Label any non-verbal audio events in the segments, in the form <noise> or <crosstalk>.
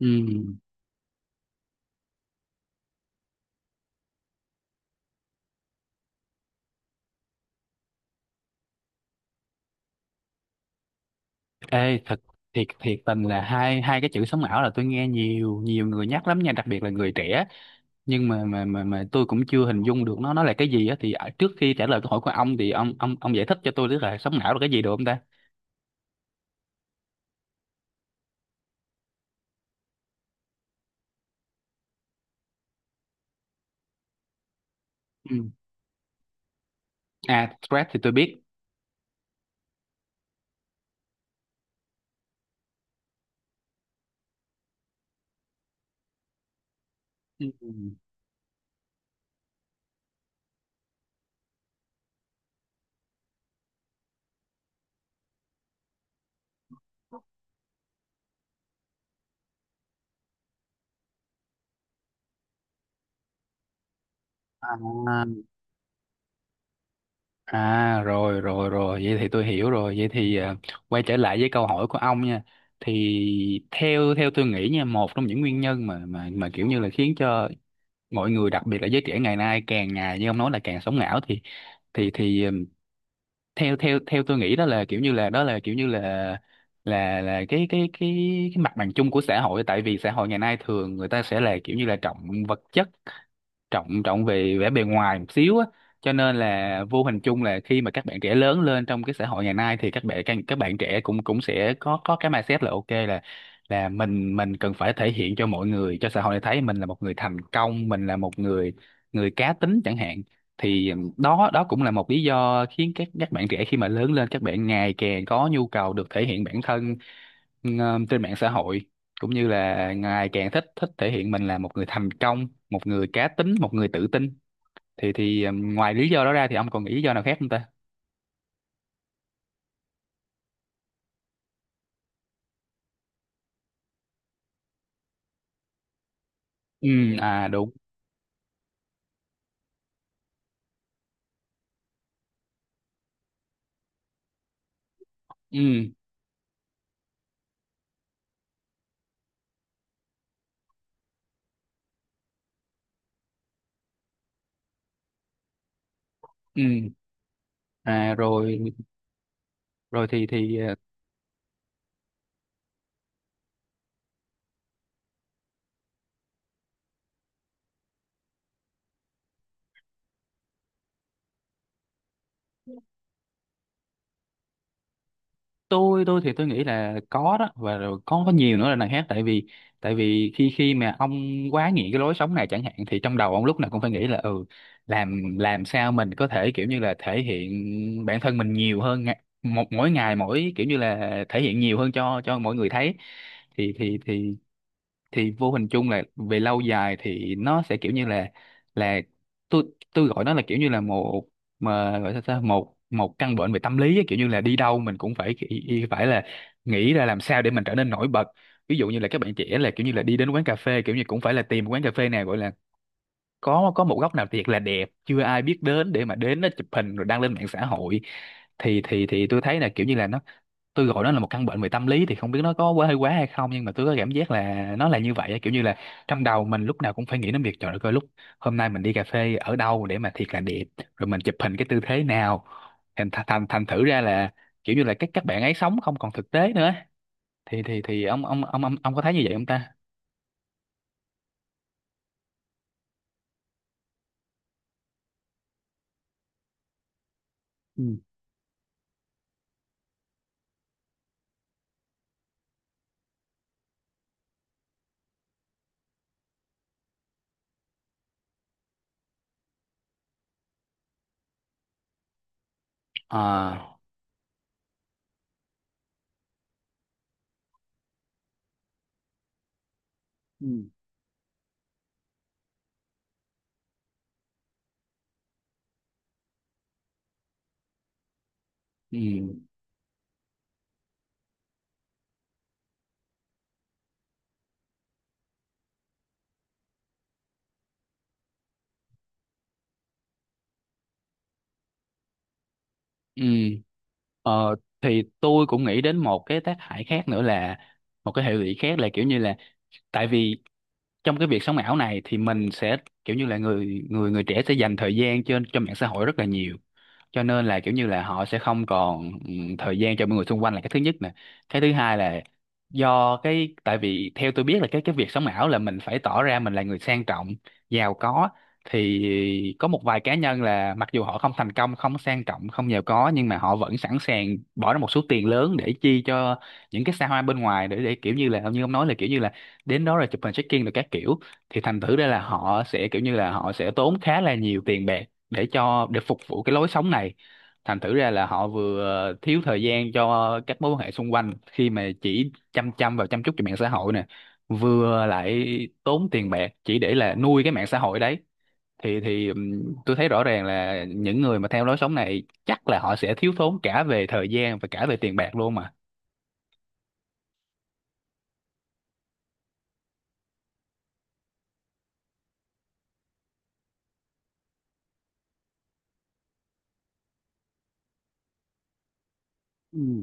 Ừ. Ê, thật thiệt thiệt tình là hai hai cái chữ sống ảo là tôi nghe nhiều nhiều người nhắc lắm nha, đặc biệt là người trẻ, nhưng mà tôi cũng chưa hình dung được nó là cái gì á. Thì trước khi trả lời câu hỏi của ông thì ông giải thích cho tôi biết là sống ảo là cái gì được không ta? Ừ. À, stress thì tôi biết. Ừ. À, à rồi rồi rồi vậy thì tôi hiểu rồi. Vậy thì quay trở lại với câu hỏi của ông nha. Thì theo theo tôi nghĩ nha, một trong những nguyên nhân mà kiểu như là khiến cho mọi người đặc biệt là giới trẻ ngày nay càng ngày như ông nói là càng sống ảo thì thì thì ừm, theo theo theo tôi nghĩ đó là kiểu như là cái mặt bằng chung của xã hội. Tại vì xã hội ngày nay thường người ta sẽ là kiểu như là trọng vật chất, trọng trọng về vẻ bề ngoài một xíu á, cho nên là vô hình chung là khi mà các bạn trẻ lớn lên trong cái xã hội ngày nay thì các bạn trẻ cũng cũng sẽ có cái mindset là ok, là mình cần phải thể hiện cho mọi người cho xã hội này thấy mình là một người thành công, mình là một người người cá tính chẳng hạn. Thì đó đó cũng là một lý do khiến các bạn trẻ khi mà lớn lên, các bạn ngày càng có nhu cầu được thể hiện bản thân ừ, trên mạng xã hội, cũng như là ngày càng thích thích thể hiện mình là một người thành công, một người cá tính, một người tự tin. Thì ngoài lý do đó ra thì ông còn nghĩ lý do nào khác không ta? Ừ. À, đúng. Ừ. Ừ. À, rồi. Rồi thì tôi thì tôi nghĩ là có đó, và rồi có nhiều nữa là đằng khác. Tại vì khi khi mà ông quá nghiện cái lối sống này chẳng hạn thì trong đầu ông lúc nào cũng phải nghĩ là ừ, làm sao mình có thể kiểu như là thể hiện bản thân mình nhiều hơn, một mỗi ngày mỗi kiểu như là thể hiện nhiều hơn cho mọi người thấy. Thì vô hình chung là về lâu dài thì nó sẽ kiểu như là tôi tôi gọi nó là kiểu như là một, mà gọi sao ta, một một căn bệnh về tâm lý á, kiểu như là đi đâu mình cũng phải phải là nghĩ ra làm sao để mình trở nên nổi bật. Ví dụ như là các bạn trẻ là kiểu như là đi đến quán cà phê kiểu như cũng phải là tìm quán cà phê nào gọi là có một góc nào thiệt là đẹp chưa ai biết đến để mà đến nó chụp hình rồi đăng lên mạng xã hội. Thì tôi thấy là kiểu như là nó gọi nó là một căn bệnh về tâm lý, thì không biết nó có quá hơi quá hay không nhưng mà tôi có cảm giác là nó là như vậy á. Kiểu như là trong đầu mình lúc nào cũng phải nghĩ đến việc trời đất ơi, coi lúc hôm nay mình đi cà phê ở đâu để mà thiệt là đẹp, rồi mình chụp hình cái tư thế nào. Thành thành thành thành thử ra là kiểu như là các bạn ấy sống không còn thực tế nữa. Thì ông có thấy như vậy không ta? Ừ. À. Ừ. Ừ. Ừ. Ờ, thì tôi cũng nghĩ đến một cái tác hại khác nữa, là một cái hệ lụy khác là kiểu như là tại vì trong cái việc sống ảo này thì mình sẽ kiểu như là người người người trẻ sẽ dành thời gian trên cho mạng xã hội rất là nhiều, cho nên là kiểu như là họ sẽ không còn thời gian cho mọi người xung quanh, là cái thứ nhất nè. Cái thứ hai là do cái tại vì theo tôi biết là cái việc sống ảo là mình phải tỏ ra mình là người sang trọng giàu có, thì có một vài cá nhân là mặc dù họ không thành công, không sang trọng, không giàu có nhưng mà họ vẫn sẵn sàng bỏ ra một số tiền lớn để chi cho những cái xa hoa bên ngoài, để kiểu như là như ông nói là kiểu như là đến đó rồi chụp hình check-in rồi các kiểu. Thì thành thử ra là họ sẽ kiểu như là họ sẽ tốn khá là nhiều tiền bạc để cho để phục vụ cái lối sống này. Thành thử ra là họ vừa thiếu thời gian cho các mối quan hệ xung quanh khi mà chỉ chăm chăm vào chăm chút cho mạng xã hội nè, vừa lại tốn tiền bạc chỉ để là nuôi cái mạng xã hội đấy. Thì tôi thấy rõ ràng là những người mà theo lối sống này chắc là họ sẽ thiếu thốn cả về thời gian và cả về tiền bạc luôn mà. Ừ.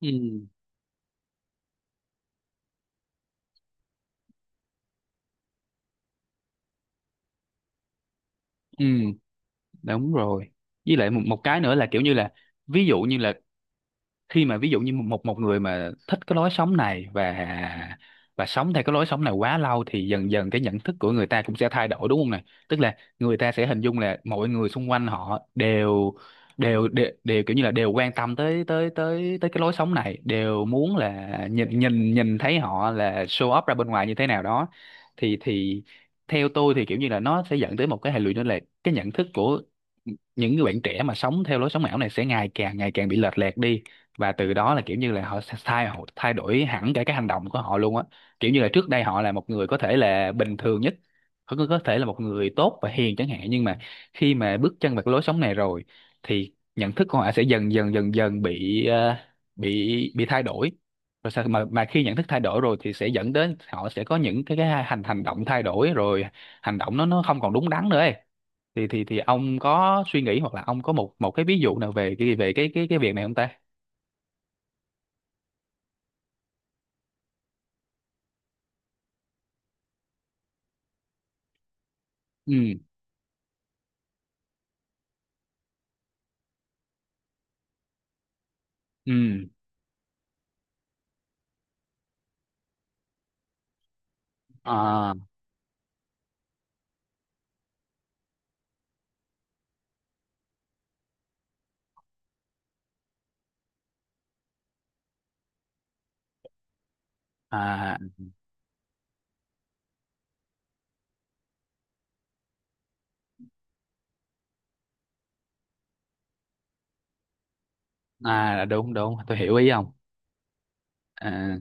Ừ. Ừ, đúng rồi. Với lại một cái nữa là kiểu như là ví dụ như là khi mà ví dụ như một một người mà thích cái lối sống này và sống theo cái lối sống này quá lâu thì dần dần cái nhận thức của người ta cũng sẽ thay đổi đúng không này. Tức là người ta sẽ hình dung là mọi người xung quanh họ đều đều kiểu như là đều quan tâm tới tới cái lối sống này, đều muốn là nhìn nhìn nhìn thấy họ là show up ra bên ngoài như thế nào đó. Thì theo tôi thì kiểu như là nó sẽ dẫn tới một cái hệ lụy, đó là cái nhận thức của những người bạn trẻ mà sống theo lối sống ảo này sẽ ngày càng bị lệch lạc đi, và từ đó là kiểu như là họ thay đổi hẳn cả cái hành động của họ luôn á. Kiểu như là trước đây họ là một người có thể là bình thường nhất, có thể là một người tốt và hiền chẳng hạn, nhưng mà khi mà bước chân vào cái lối sống này rồi thì nhận thức của họ sẽ dần dần bị bị thay đổi. Rồi sao mà khi nhận thức thay đổi rồi thì sẽ dẫn đến họ sẽ có những cái hành hành động thay đổi, rồi hành động nó không còn đúng đắn nữa ấy. Thì ông có suy nghĩ hoặc là ông có một một cái ví dụ nào về cái việc này không ta? Ừ. Ừ. À. À, à đúng, đúng tôi hiểu ý ông. À.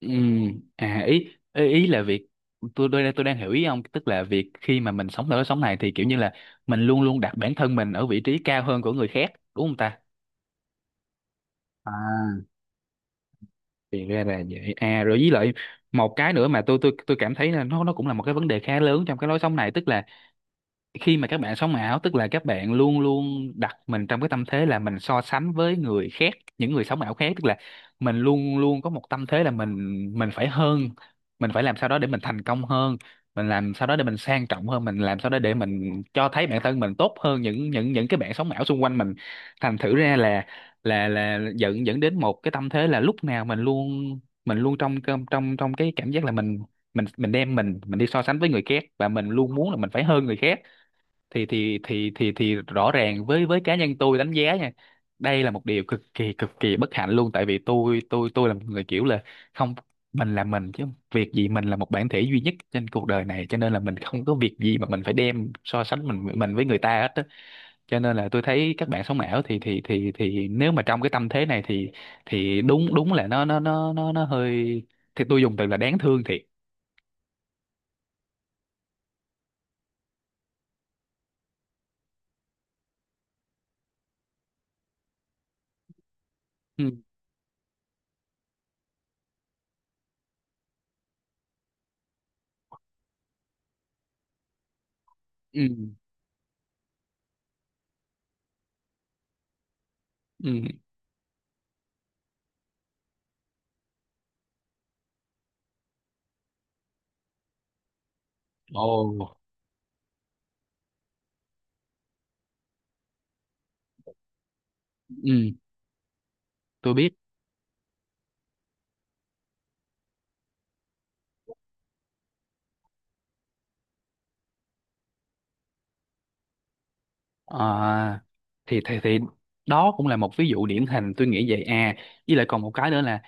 Ừ. À, ý ý ý là việc tôi đang hiểu ý ông, tức là việc khi mà mình sống ở cái sống này thì kiểu như là mình luôn luôn đặt bản thân mình ở vị trí cao hơn của người khác, đúng không ta? À, thì ra là vậy. À rồi, với lại một cái nữa mà tôi cảm thấy là nó cũng là một cái vấn đề khá lớn trong cái lối sống này, tức là khi mà các bạn sống ảo tức là các bạn luôn luôn đặt mình trong cái tâm thế là mình so sánh với người khác, những người sống ảo khác. Tức là mình luôn luôn có một tâm thế là mình phải hơn, mình phải làm sao đó để mình thành công hơn, mình làm sao đó để mình sang trọng hơn, mình làm sao đó để mình cho thấy bản thân mình tốt hơn những cái bạn sống ảo xung quanh mình. Thành thử ra là dẫn dẫn đến một cái tâm thế là lúc nào mình luôn trong trong trong trong cái cảm giác là mình đem mình đi so sánh với người khác và mình luôn muốn là mình phải hơn người khác. Thì rõ ràng với cá nhân tôi đánh giá nha, đây là một điều cực kỳ bất hạnh luôn. Tại vì tôi là một người kiểu là không, mình là mình chứ, việc gì, mình là một bản thể duy nhất trên cuộc đời này cho nên là mình không có việc gì mà mình phải đem so sánh mình với người ta hết á. Cho nên là tôi thấy các bạn sống ảo thì nếu mà trong cái tâm thế này thì đúng, đúng là nó nó hơi, thì tôi dùng từ là đáng thương thiệt. Ừ. Ừ. Ừ. Ồ. Ừ, tôi biết. À, thì đó cũng là một ví dụ điển hình tôi nghĩ vậy. À, với lại còn một cái nữa là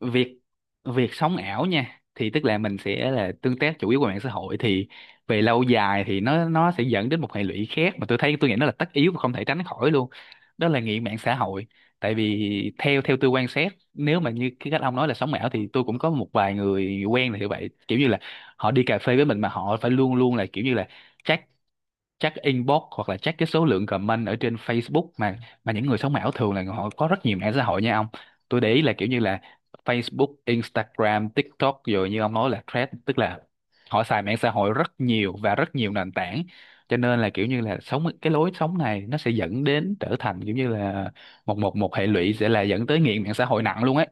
việc việc sống ảo nha, thì tức là mình sẽ là tương tác chủ yếu qua mạng xã hội, thì về lâu dài thì nó sẽ dẫn đến một hệ lụy khác mà tôi thấy tôi nghĩ nó là tất yếu và không thể tránh khỏi luôn, đó là nghiện mạng xã hội. Tại vì theo theo tôi quan sát, nếu mà như cái cách ông nói là sống ảo thì tôi cũng có một vài người quen là như vậy, kiểu như là họ đi cà phê với mình mà họ phải luôn luôn là kiểu như là check check inbox hoặc là check cái số lượng comment ở trên Facebook mà những người sống ảo thường là họ có rất nhiều mạng xã hội nha ông. Tôi để ý là kiểu như là Facebook, Instagram, TikTok rồi như ông nói là Threads, tức là họ xài mạng xã hội rất nhiều và rất nhiều nền tảng, cho nên là kiểu như là sống cái lối sống này nó sẽ dẫn đến trở thành kiểu như là một một một hệ lụy, sẽ là dẫn tới nghiện mạng xã hội nặng luôn ấy.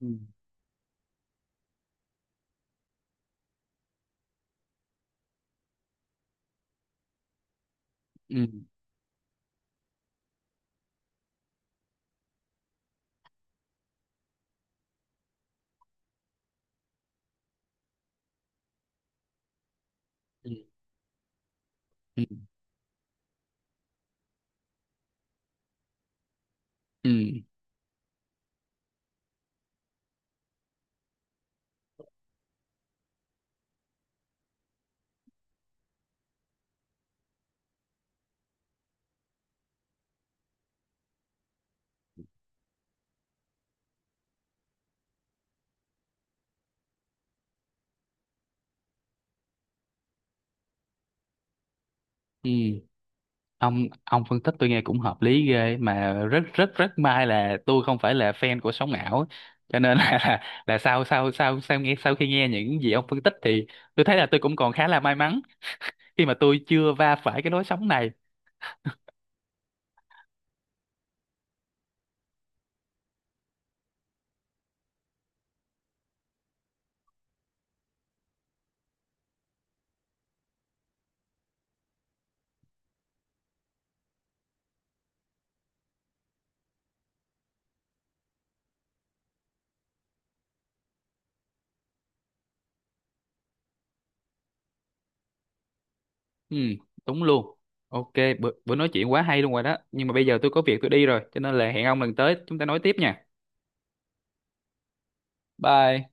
Ừ. ừ ừ ừ ừ Ừ. Ông phân tích tôi nghe cũng hợp lý ghê, mà rất rất rất may là tôi không phải là fan của sóng ảo, cho nên <laughs> là là sau sau sau sau nghe sau khi nghe những gì ông phân tích thì tôi thấy là tôi cũng còn khá là may mắn khi mà tôi chưa va phải cái lối sóng này. Ừ, đúng luôn. Ok, bữa nói chuyện quá hay luôn rồi đó, nhưng mà bây giờ tôi có việc tôi đi rồi cho nên là hẹn ông lần tới chúng ta nói tiếp nha. Bye.